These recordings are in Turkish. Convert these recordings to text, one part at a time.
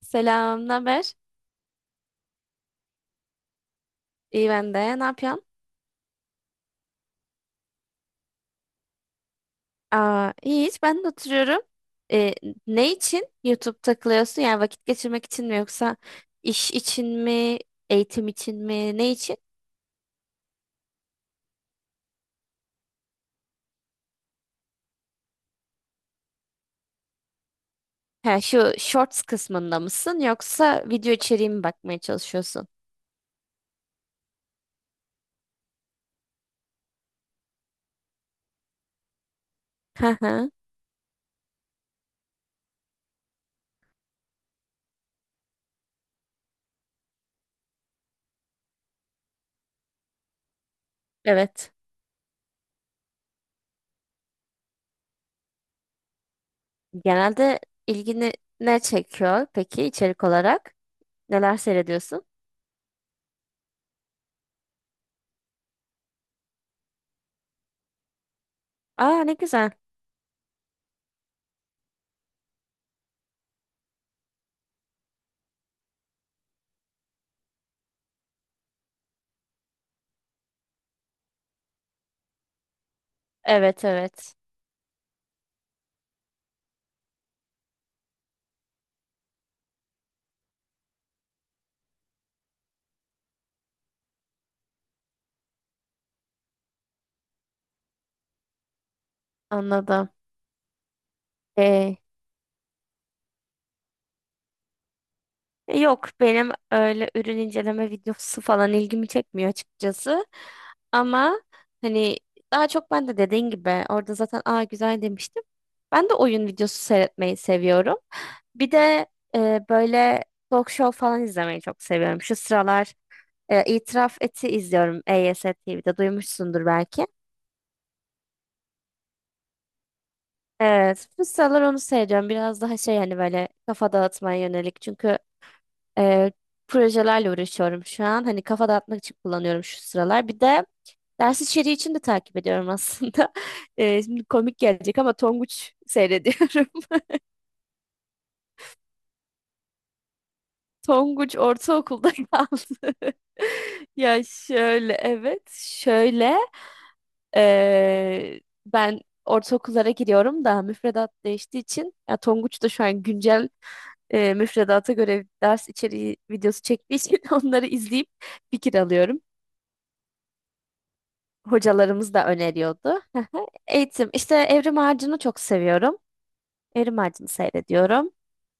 Selam, naber? İyi ben de. Ne yapıyorsun? Aa, iyi hiç ben de oturuyorum. Ee, ne için YouTube takılıyorsun? Yani vakit geçirmek için mi yoksa iş için mi, eğitim için mi, ne için? Ha, şu Shorts kısmında mısın yoksa video içeriği mi bakmaya çalışıyorsun? Hı hı. Evet. Genelde ilgini ne çekiyor peki içerik olarak? Neler seyrediyorsun? Aa, ne güzel. Evet evet. Anladım. Ee, Yok benim öyle ürün inceleme videosu falan ilgimi çekmiyor açıkçası. Ama hani daha çok ben de dediğin gibi orada zaten aa güzel demiştim. Ben de oyun videosu seyretmeyi seviyorum. Bir de böyle talk show falan izlemeyi çok seviyorum. Şu sıralar İtiraf Et'i izliyorum EYST TV'de, duymuşsundur belki. Evet, bu sıralar onu seyrediyorum. Biraz daha şey, hani böyle kafa dağıtmaya yönelik. Çünkü e, projelerle uğraşıyorum şu an. Hani kafa dağıtmak için kullanıyorum şu sıralar. Bir de ders içeriği için de takip ediyorum aslında. Şimdi komik gelecek ama Tonguç seyrediyorum. Tonguç ortaokulda kaldı. Ya şöyle, evet şöyle e, ben ortaokullara giriyorum da müfredat değiştiği için, ya Tonguç da şu an güncel müfredata göre ders içeriği videosu çektiği için onları izleyip fikir alıyorum. Hocalarımız da öneriyordu. Eğitim işte, Evrim Ağacı'nı çok seviyorum. Evrim Ağacı'nı seyrediyorum.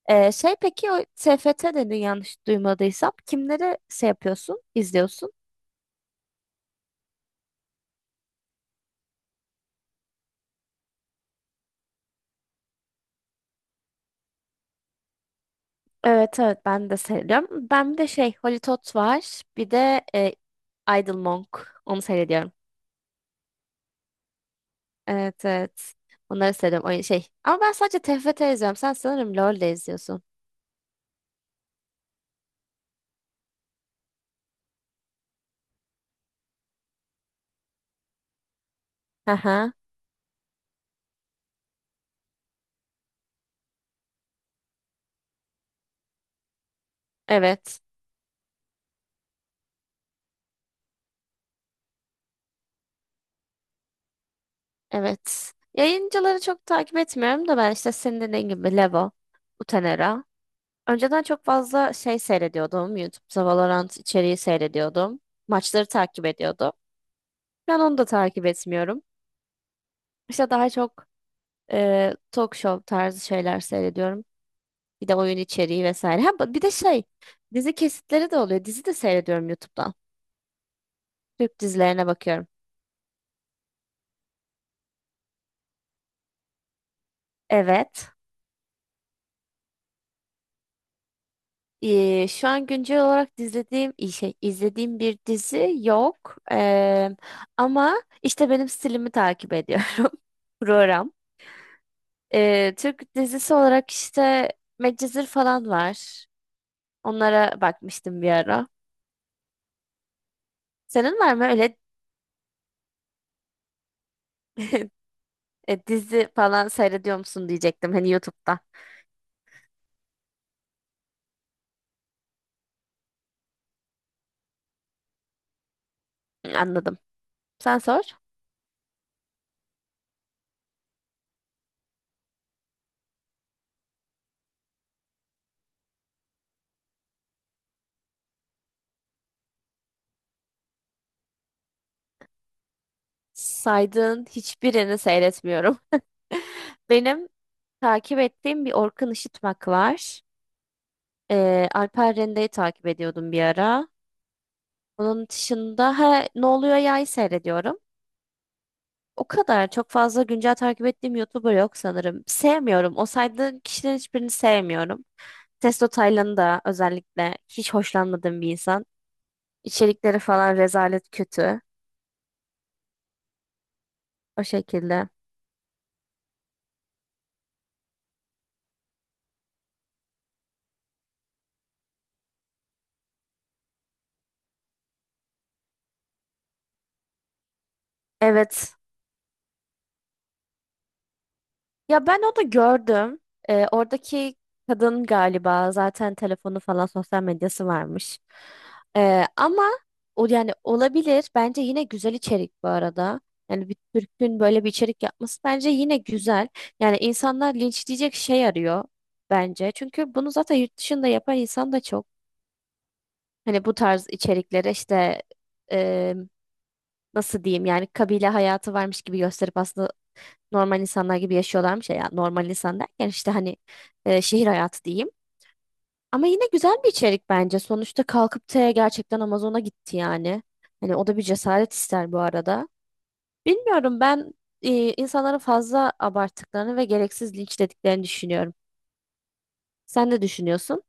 Şey peki, o TFT dedin, yanlış duymadıysam kimleri şey yapıyorsun, izliyorsun? Evet evet, ben de seyrediyorum. Ben bir de şey, Holly Tot var. Bir de Idle Monk. Onu seyrediyorum. Evet evet. Onları seyrediyorum. Oyun şey. Ama ben sadece TFT izliyorum. Sen sanırım LoL de izliyorsun. Aha. Evet. Evet. Yayıncıları çok takip etmiyorum da, ben işte senin dediğin gibi Levo, Utenera. Önceden çok fazla şey seyrediyordum. YouTube'da Valorant içeriği seyrediyordum. Maçları takip ediyordum. Ben onu da takip etmiyorum. İşte daha çok talk show tarzı şeyler seyrediyorum. Bir de oyun içeriği vesaire. Ha, bir de şey, dizi kesitleri de oluyor. Dizi de seyrediyorum YouTube'dan. Türk dizilerine bakıyorum. Evet. Şu an güncel olarak izlediğim şey, izlediğim bir dizi yok. Ama işte benim stilimi takip ediyorum program. Türk dizisi olarak işte Medcezir falan var. Onlara bakmıştım bir ara. Senin var mı öyle dizi falan seyrediyor musun diyecektim, hani YouTube'da. Anladım. Sen sor. Saydığın hiçbirini seyretmiyorum. Benim takip ettiğim bir Orkun Işıtmak var. Alper Rende'yi takip ediyordum bir ara. Onun dışında ha, Ne Oluyor Ya'yı seyrediyorum. O kadar çok fazla güncel takip ettiğim YouTuber yok sanırım. Sevmiyorum. O saydığın kişilerin hiçbirini sevmiyorum. Testo Taylan'ı da özellikle hiç hoşlanmadığım bir insan. İçerikleri falan rezalet kötü. O şekilde. Evet. Ya, ben onu gördüm. Oradaki kadın galiba zaten telefonu falan sosyal medyası varmış. Ama o, yani olabilir. Bence yine güzel içerik bu arada. Yani bir Türk'ün böyle bir içerik yapması bence yine güzel. Yani insanlar linçleyecek şey arıyor bence. Çünkü bunu zaten yurt dışında yapan insan da çok. Hani bu tarz içeriklere işte e, nasıl diyeyim, yani kabile hayatı varmış gibi gösterip aslında normal insanlar gibi yaşıyorlarmış ya. Yani normal insan derken işte hani şehir hayatı diyeyim. Ama yine güzel bir içerik bence. Sonuçta kalkıp gerçekten Amazon'a gitti yani. Hani o da bir cesaret ister bu arada. Bilmiyorum, ben insanların fazla abarttıklarını ve gereksiz linçlediklerini düşünüyorum. Sen ne düşünüyorsun?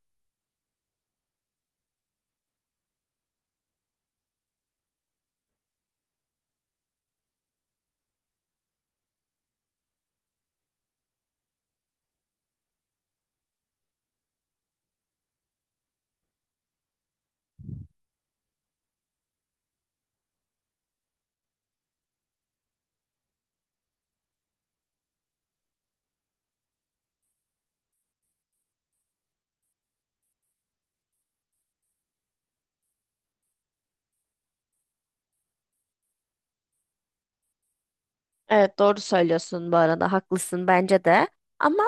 Evet, doğru söylüyorsun bu arada, haklısın bence de. Ama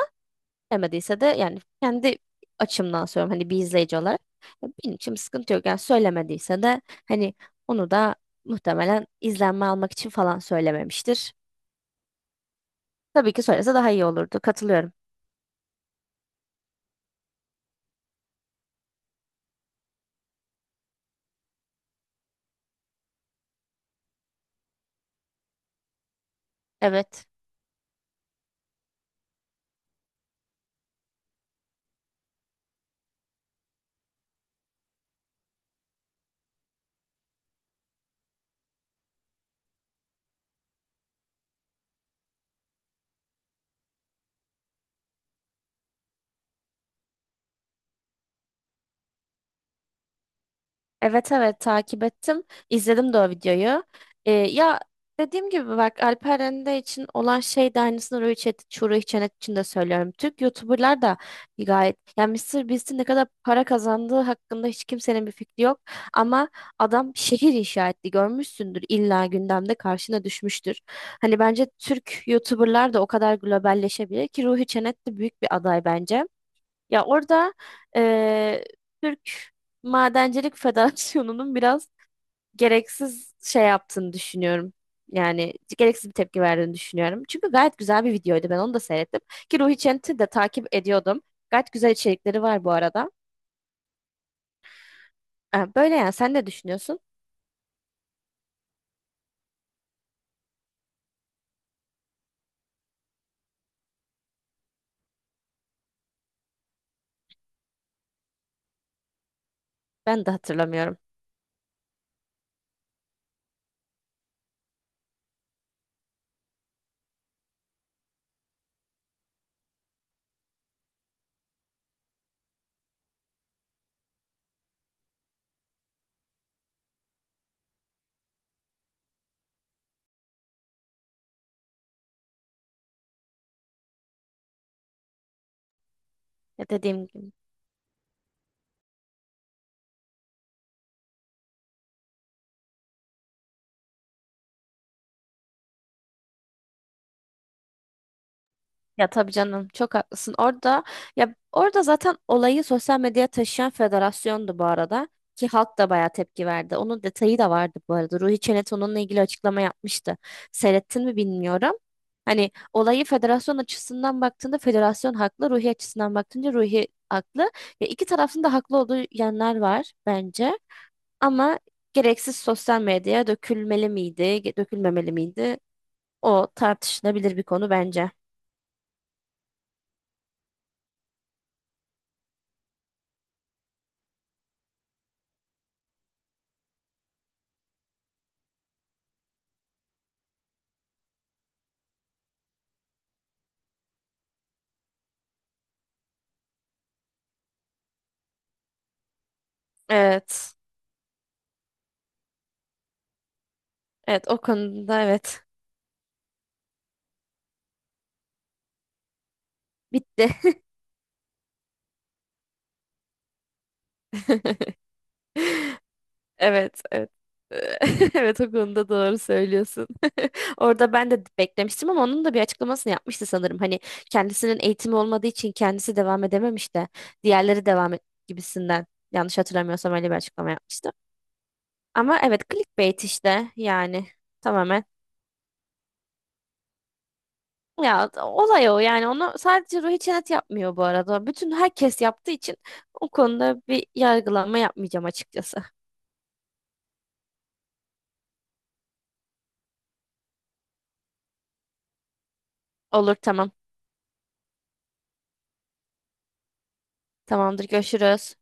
demediyse de, yani kendi açımdan söylüyorum, hani bir izleyici olarak. Ya, benim için bir sıkıntı yok. Yani söylemediyse de hani onu da muhtemelen izlenme almak için falan söylememiştir. Tabii ki söylese daha iyi olurdu. Katılıyorum. Evet. Evet evet, takip ettim. İzledim de o videoyu. Ya dediğim gibi bak, Alper Rende için olan şey de aynısını Ruhi Çetin, Çuğrul Çenet için de söylüyorum. Türk YouTuber'lar da gayet, yani Mr. Beast'in ne kadar para kazandığı hakkında hiç kimsenin bir fikri yok. Ama adam şehir inşa etti, görmüşsündür, illa gündemde karşına düşmüştür. Hani bence Türk YouTuber'lar da o kadar globalleşebilir ki, Ruhi Çenet de büyük bir aday bence. Ya orada eee, Türk Madencilik Federasyonu'nun biraz gereksiz şey yaptığını düşünüyorum. Yani gereksiz bir tepki verdiğini düşünüyorum. Çünkü gayet güzel bir videoydu. Ben onu da seyrettim. Ki Ruhi Çent'i de takip ediyordum. Gayet güzel içerikleri var bu arada. Ha, böyle yani, sen ne düşünüyorsun? Ben de hatırlamıyorum. Ya dediğim gibi. Ya tabii canım, çok haklısın. Ya orada zaten olayı sosyal medyaya taşıyan federasyondu bu arada, ki halk da bayağı tepki verdi. Onun detayı da vardı bu arada. Ruhi Çenet onunla ilgili açıklama yapmıştı. Seyrettin mi bilmiyorum. Hani olayı federasyon açısından baktığında federasyon haklı, Ruhi açısından baktığında Ruhi haklı. Ya iki tarafın da haklı olduğu yanlar var bence. Ama gereksiz sosyal medyaya dökülmeli miydi, dökülmemeli miydi? O tartışılabilir bir konu bence. Evet. Evet, o konuda evet. Bitti. Evet, evet. Evet, o konuda doğru söylüyorsun. Orada ben de beklemiştim, ama onun da bir açıklamasını yapmıştı sanırım. Hani kendisinin eğitimi olmadığı için kendisi devam edememiş de diğerleri devam et gibisinden. Yanlış hatırlamıyorsam öyle bir açıklama yapmıştı. Ama evet, clickbait işte, yani tamamen. Ya, olay o yani, onu sadece Ruhi Çenet yapmıyor bu arada. Bütün herkes yaptığı için o konuda bir yargılama yapmayacağım açıkçası. Olur, tamam. Tamamdır, görüşürüz.